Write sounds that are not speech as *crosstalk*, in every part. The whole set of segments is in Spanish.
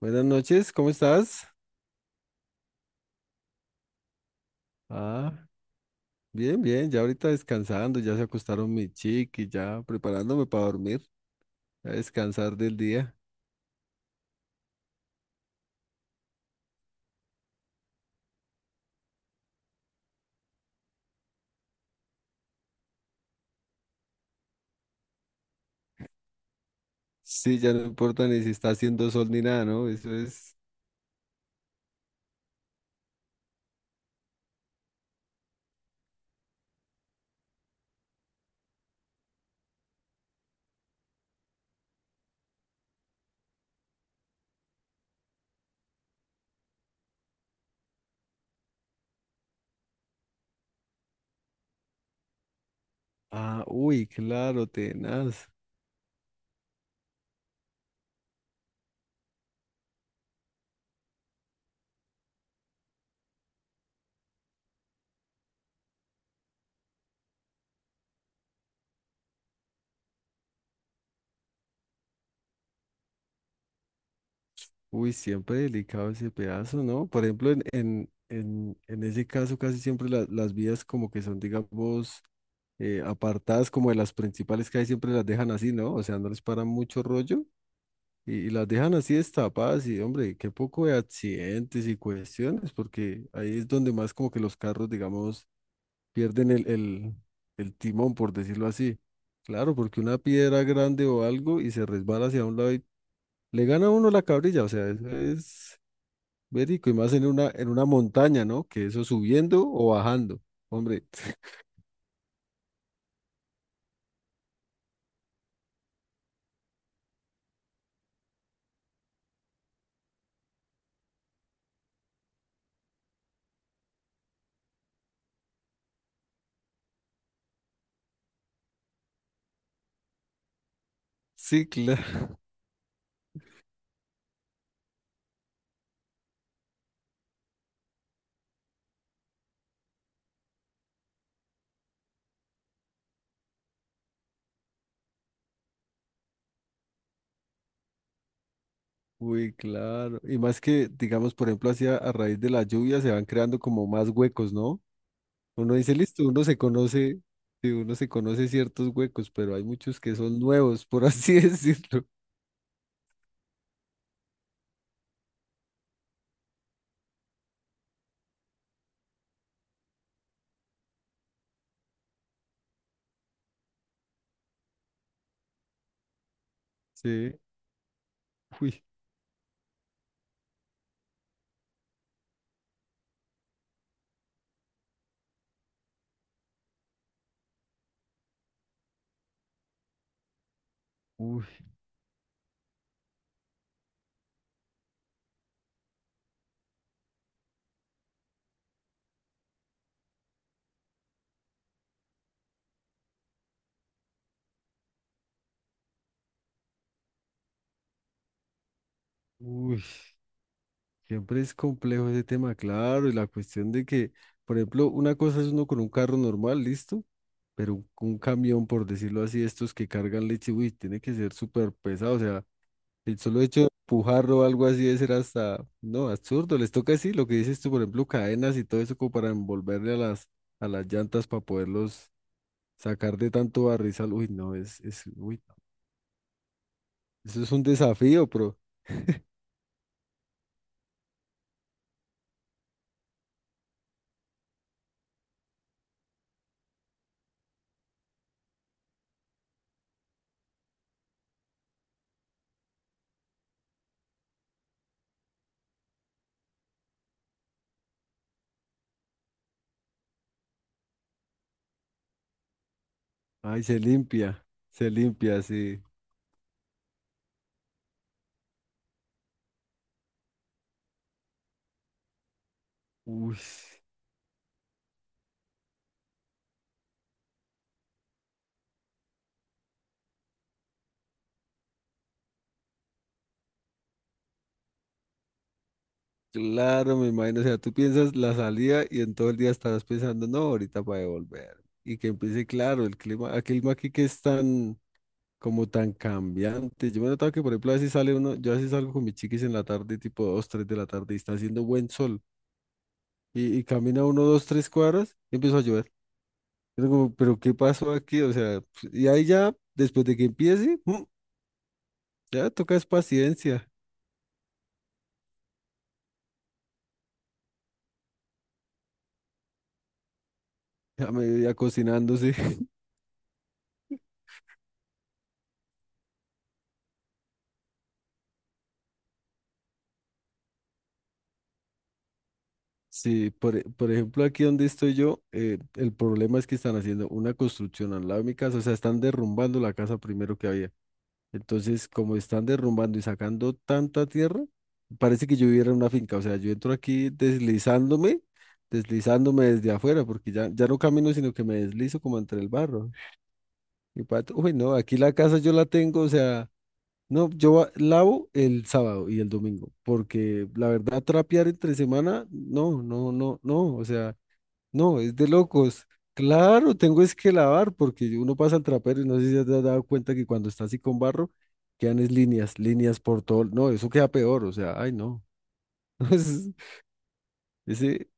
Buenas noches, ¿cómo estás? Ah, bien, bien, ya ahorita descansando, ya se acostaron mi chiqui, ya preparándome para dormir, a descansar del día. Sí, ya no importa ni si está haciendo sol ni nada, ¿no? Eso es. Ah, uy, claro, tenaz. Uy, siempre delicado ese pedazo, ¿no? Por ejemplo, en ese caso casi siempre las vías como que son, digamos, apartadas como de las principales que hay, siempre las dejan así, ¿no? O sea, no les paran mucho rollo. Y las dejan así destapadas y, hombre, qué poco de accidentes y cuestiones, porque ahí es donde más como que los carros, digamos, pierden el timón, por decirlo así. Claro, porque una piedra grande o algo y se resbala hacia un lado y le gana a uno la cabrilla, o sea, eso es verico y más en una montaña, ¿no? Que eso subiendo o bajando. Hombre, *laughs* sí, claro. Uy, claro. Y más que, digamos, por ejemplo, así a raíz de la lluvia se van creando como más huecos, ¿no? Uno dice, listo, uno se conoce, sí, uno se conoce ciertos huecos, pero hay muchos que son nuevos, por así *laughs* decirlo. Sí, uy, uy, uy, siempre es complejo ese tema, claro, y la cuestión de que, por ejemplo, una cosa es uno con un carro normal, listo, pero un camión, por decirlo así, estos que cargan leche, uy, tiene que ser súper pesado, o sea, el solo hecho de empujarlo o algo así debe ser hasta, no, absurdo. Les toca así, lo que dices tú, por ejemplo, cadenas y todo eso como para envolverle a a las llantas para poderlos sacar de tanto barrizal. Uy, no, uy, no, eso es un desafío, pero, ay, se limpia, sí. Uy, claro, me imagino. O sea, tú piensas la salida y en todo el día estarás pensando, no, ahorita para devolver. Y que empiece, claro, el clima aquí que es tan como tan cambiante. Yo me he notado que, por ejemplo, a veces sale uno, yo a veces salgo con mis chiquis en la tarde, tipo 2 3 de la tarde, y está haciendo buen sol, y camina uno, dos, tres cuadras, y empieza a llover. Y uno como, pero ¿qué pasó aquí? O sea, pues, y ahí ya, después de que empiece, ya toca es paciencia, a medida cocinándose. *laughs* Sí, por, por ejemplo, aquí donde estoy yo, el problema es que están haciendo una construcción al lado de mi casa, o sea, están derrumbando la casa primero que había. Entonces, como están derrumbando y sacando tanta tierra, parece que yo viviera en una finca. O sea, yo entro aquí deslizándome, deslizándome desde afuera, porque ya, ya no camino, sino que me deslizo como entre el barro. Y pato, uy, no, aquí la casa yo la tengo, o sea, no, yo lavo el sábado y el domingo, porque la verdad, trapear entre semana, no, o sea. No, es de locos. Claro, tengo es que lavar porque uno pasa al trapero y no sé si te has dado cuenta que cuando está así con barro, quedan es líneas, líneas por todo. No, eso queda peor, o sea, ay no. *laughs* Ese.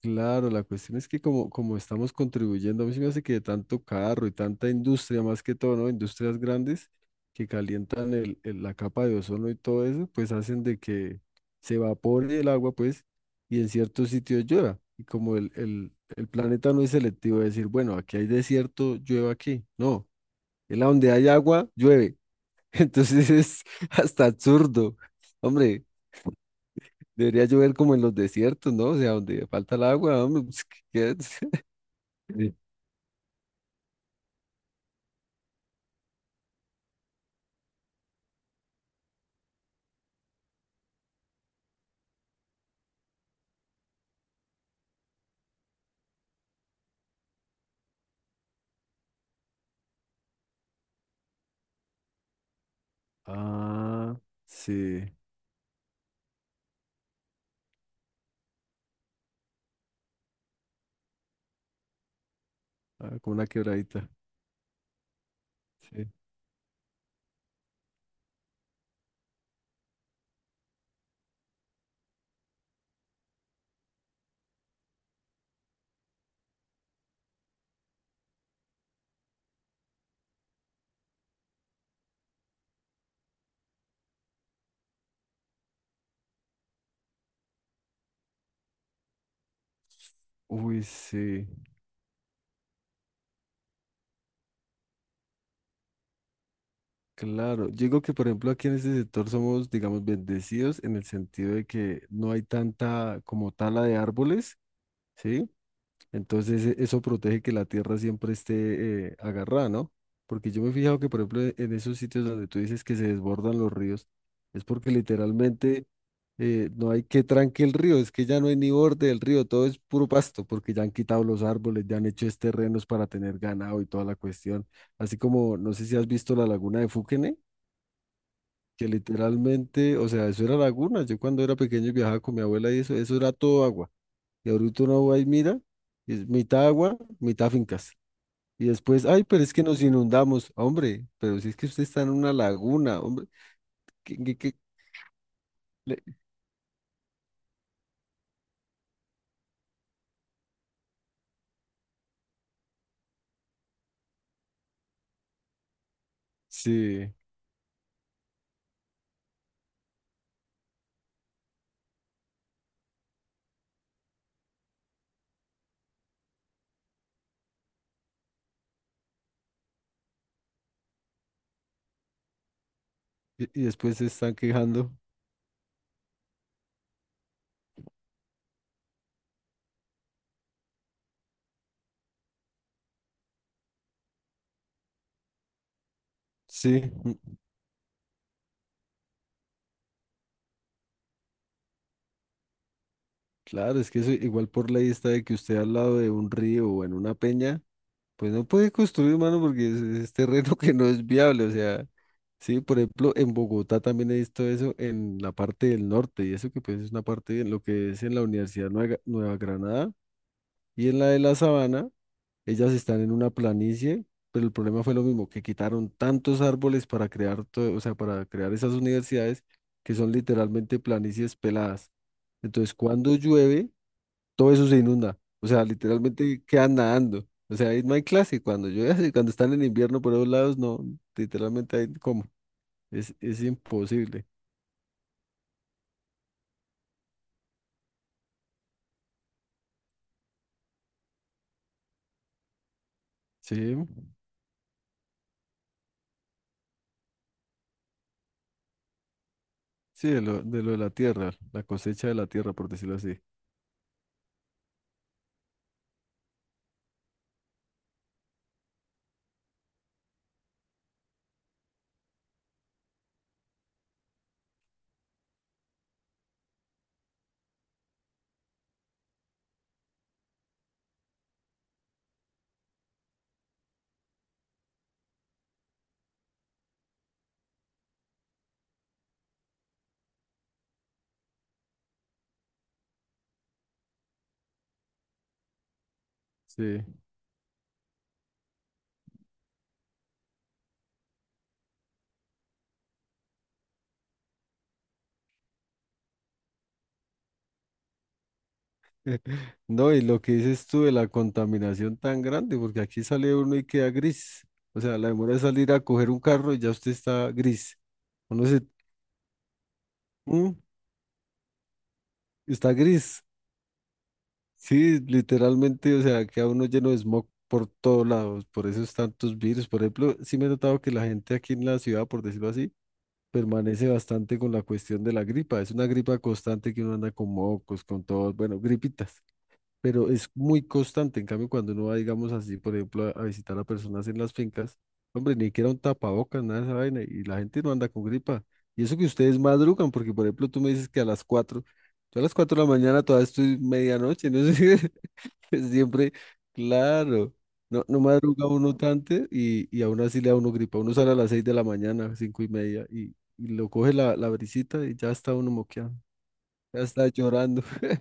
Claro, la cuestión es que como estamos contribuyendo, a mí se me hace que de tanto carro y tanta industria, más que todo, ¿no? Industrias grandes que calientan la capa de ozono y todo eso, pues hacen de que se evapore el agua, pues, y en ciertos sitios llueva. Y como el planeta no es selectivo, de decir, bueno, aquí hay desierto, llueva aquí. No, en la donde hay agua, llueve. *laughs* Entonces es hasta absurdo. Hombre, debería llover como en los desiertos, ¿no? O sea, donde falta el agua, hombre, pues, ¿qué es? Sí. Ah, sí. Ah, como una quebradita. Sí. Uy, sí. Claro. Yo digo que, por ejemplo, aquí en este sector somos, digamos, bendecidos en el sentido de que no hay tanta como tala de árboles, ¿sí? Entonces eso protege que la tierra siempre esté agarrada, ¿no? Porque yo me he fijado que, por ejemplo, en esos sitios donde tú dices que se desbordan los ríos, es porque literalmente no hay que tranque el río, es que ya no hay ni borde del río, todo es puro pasto, porque ya han quitado los árboles, ya han hecho es terrenos para tener ganado y toda la cuestión. Así como, no sé si has visto la laguna de Fuquene, que literalmente, o sea, eso era laguna. Yo cuando era pequeño viajaba con mi abuela y eso era todo agua. Y ahorita uno va y mira, es mitad agua, mitad fincas. Y después, ay, pero es que nos inundamos, hombre, pero si es que usted está en una laguna, hombre, qué qué que- le- sí, y después se están quejando, sí. Claro, es que eso igual por ley está de que usted al lado de un río o en una peña, pues no puede construir, mano, porque es terreno *laughs* que no es viable. O sea, sí, por ejemplo, en Bogotá también he visto eso en la parte del norte, y eso que pues es una parte en lo que es en la Universidad Nueva, Nueva Granada y en la de la Sabana, ellas están en una planicie, pero el problema fue lo mismo, que quitaron tantos árboles para crear todo, o sea, para crear esas universidades que son literalmente planicies peladas. Entonces, cuando llueve, todo eso se inunda. O sea, literalmente quedan nadando. O sea, ahí no hay clase. Cuando llueve, *laughs* cuando están en invierno por esos lados, no, literalmente hay como. Es imposible. Sí, sí, de lo, de lo de la tierra, la cosecha de la tierra, por decirlo así. Sí. *laughs* No, y lo que dices tú de la contaminación tan grande, porque aquí sale uno y queda gris. O sea, la demora de salir a coger un carro y ya usted está gris. Uno se, mm, está gris. Sí, literalmente, o sea, queda uno lleno de smog por todos lados, por esos tantos virus. Por ejemplo, sí me he notado que la gente aquí en la ciudad, por decirlo así, permanece bastante con la cuestión de la gripa. Es una gripa constante que uno anda con mocos, con todo, bueno, gripitas, pero es muy constante. En cambio, cuando uno va, digamos así, por ejemplo, a visitar a personas en las fincas, hombre, ni siquiera un tapabocas, nada de esa vaina, y la gente no anda con gripa. Y eso que ustedes madrugan, porque por ejemplo, tú me dices que a las 4, yo a las 4 de la mañana todavía estoy medianoche, no sé, *laughs* pues siempre, claro. No, no madruga uno tanto y aún así le da uno gripa. Uno sale a las 6 de la mañana, cinco y media, y lo coge la brisita y ya está uno moqueado, ya está llorando. *laughs*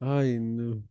Ay, no.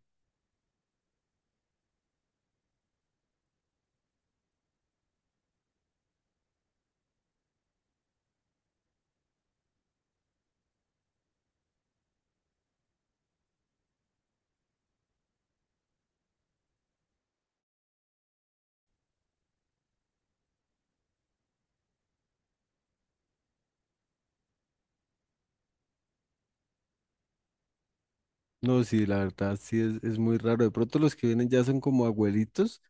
No, sí, la verdad, sí, es muy raro. De pronto los que vienen ya son como abuelitos,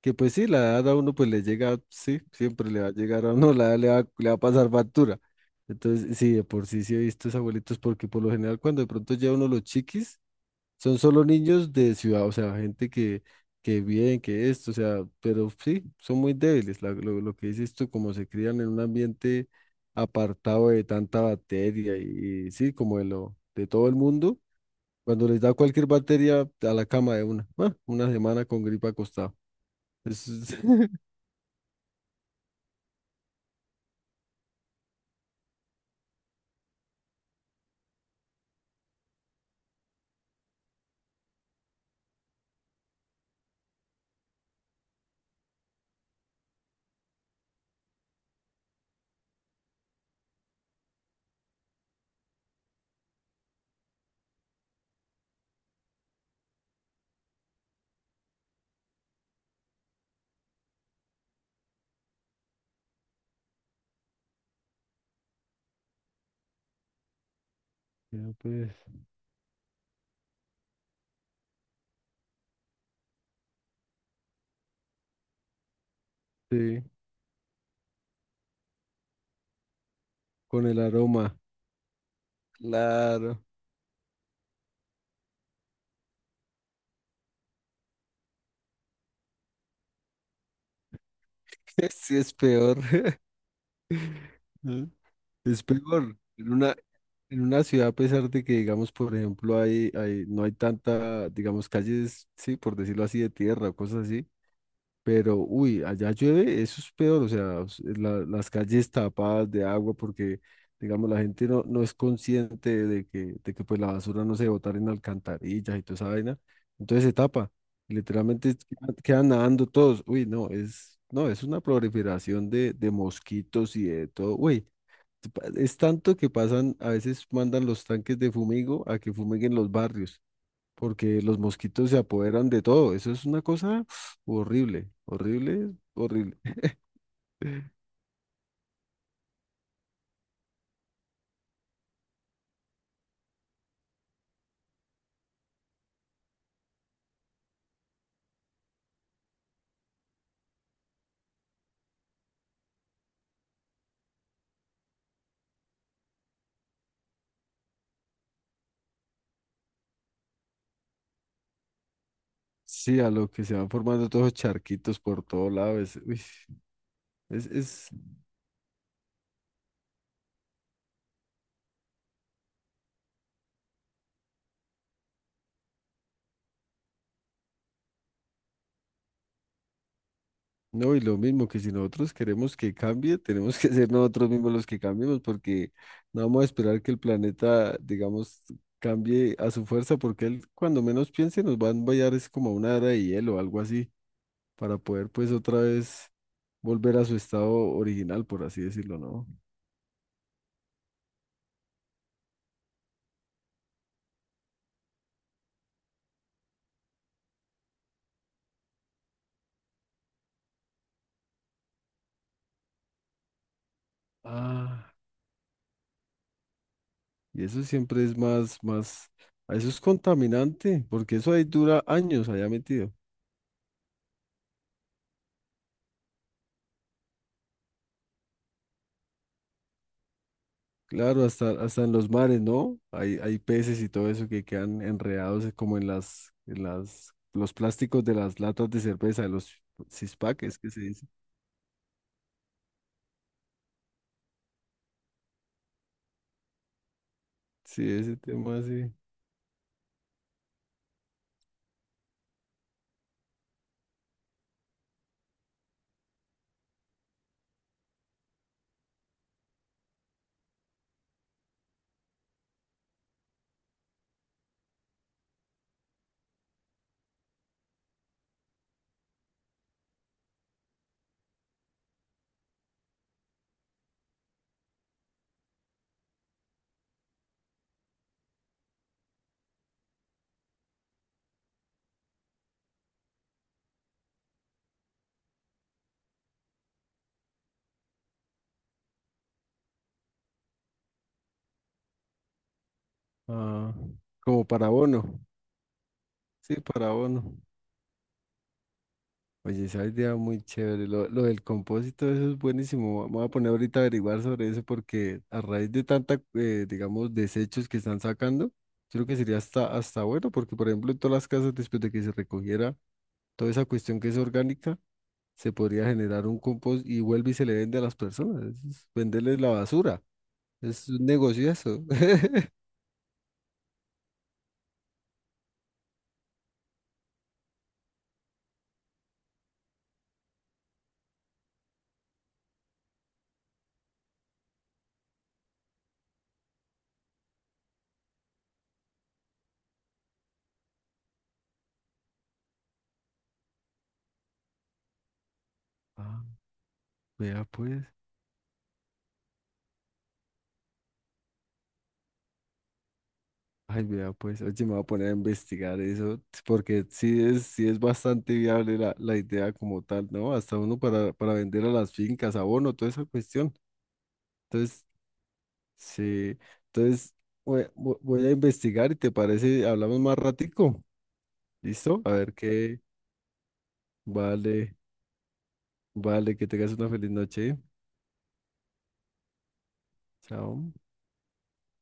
que pues sí, la edad a uno pues le llega, sí, siempre le va a llegar a uno, *laughs* la edad le va a pasar factura. Entonces, sí, de por sí sí he visto esos abuelitos, porque por lo general cuando de pronto ya uno los chiquis, son solo niños de ciudad, o sea, gente que bien, que esto, o sea, pero sí, son muy débiles. Lo que dices tú, como se crían en un ambiente apartado de tanta bacteria y sí, como de lo, de todo el mundo cuando les da cualquier bacteria a la cama de una. Bueno, una semana con gripa acostado. Eso *laughs* Ya, pues. Sí, con el aroma. Claro. *laughs* Sí, es peor. *laughs* ¿Eh? Es peor. En una ciudad, a pesar de que, digamos, por ejemplo, no hay tanta, digamos, calles, sí, por decirlo así, de tierra o cosas así. Pero, uy, allá llueve, eso es peor, o sea, las calles tapadas de agua porque, digamos, la gente no, no es consciente de que, pues la basura no se botar en alcantarillas y toda esa vaina, entonces se tapa, y literalmente quedan nadando todos, uy, no, es, no, es una proliferación de mosquitos y de todo, uy, es tanto que pasan, a veces mandan los tanques de fumigo a que fumiguen los barrios porque los mosquitos se apoderan de todo. Eso es una cosa horrible, horrible, horrible. *laughs* Sí, a lo que se van formando todos los charquitos por todo lado. Es, uy, es, no, y lo mismo que si nosotros queremos que cambie, tenemos que ser nosotros mismos los que cambiemos, porque no vamos a esperar que el planeta, digamos, cambie a su fuerza, porque él, cuando menos piense, nos va a enviar es como a una era de hielo o algo así, para poder, pues, otra vez volver a su estado original, por así decirlo, ¿no? Ah. Y eso siempre es más, a eso es contaminante, porque eso ahí dura años allá metido. Claro, hasta, hasta en los mares, ¿no? Hay peces y todo eso que quedan enredados como en las, los plásticos de las latas de cerveza, de los cispaques que se dice. Sí, ese tema así. Ah, como para abono. Sí, para abono. Oye, esa idea muy chévere. Lo del compósito, eso es buenísimo. Me voy a poner ahorita a averiguar sobre eso porque a raíz de tanta, digamos, desechos que están sacando, yo creo que sería hasta, hasta bueno porque, por ejemplo, en todas las casas, después de que se recogiera toda esa cuestión que es orgánica, se podría generar un compost y vuelve y se le vende a las personas. Eso es venderles la basura. Es un negocio eso. *laughs* Ah, vea pues. Ay, mira, pues, oye, me voy a poner a investigar eso, porque sí es bastante viable la, la idea como tal, ¿no? Hasta uno para vender a las fincas, abono, toda esa cuestión. Entonces, sí, entonces voy a investigar y te parece, hablamos más ratico, ¿listo? A ver qué, vale, vale, que tengas una feliz noche, chao.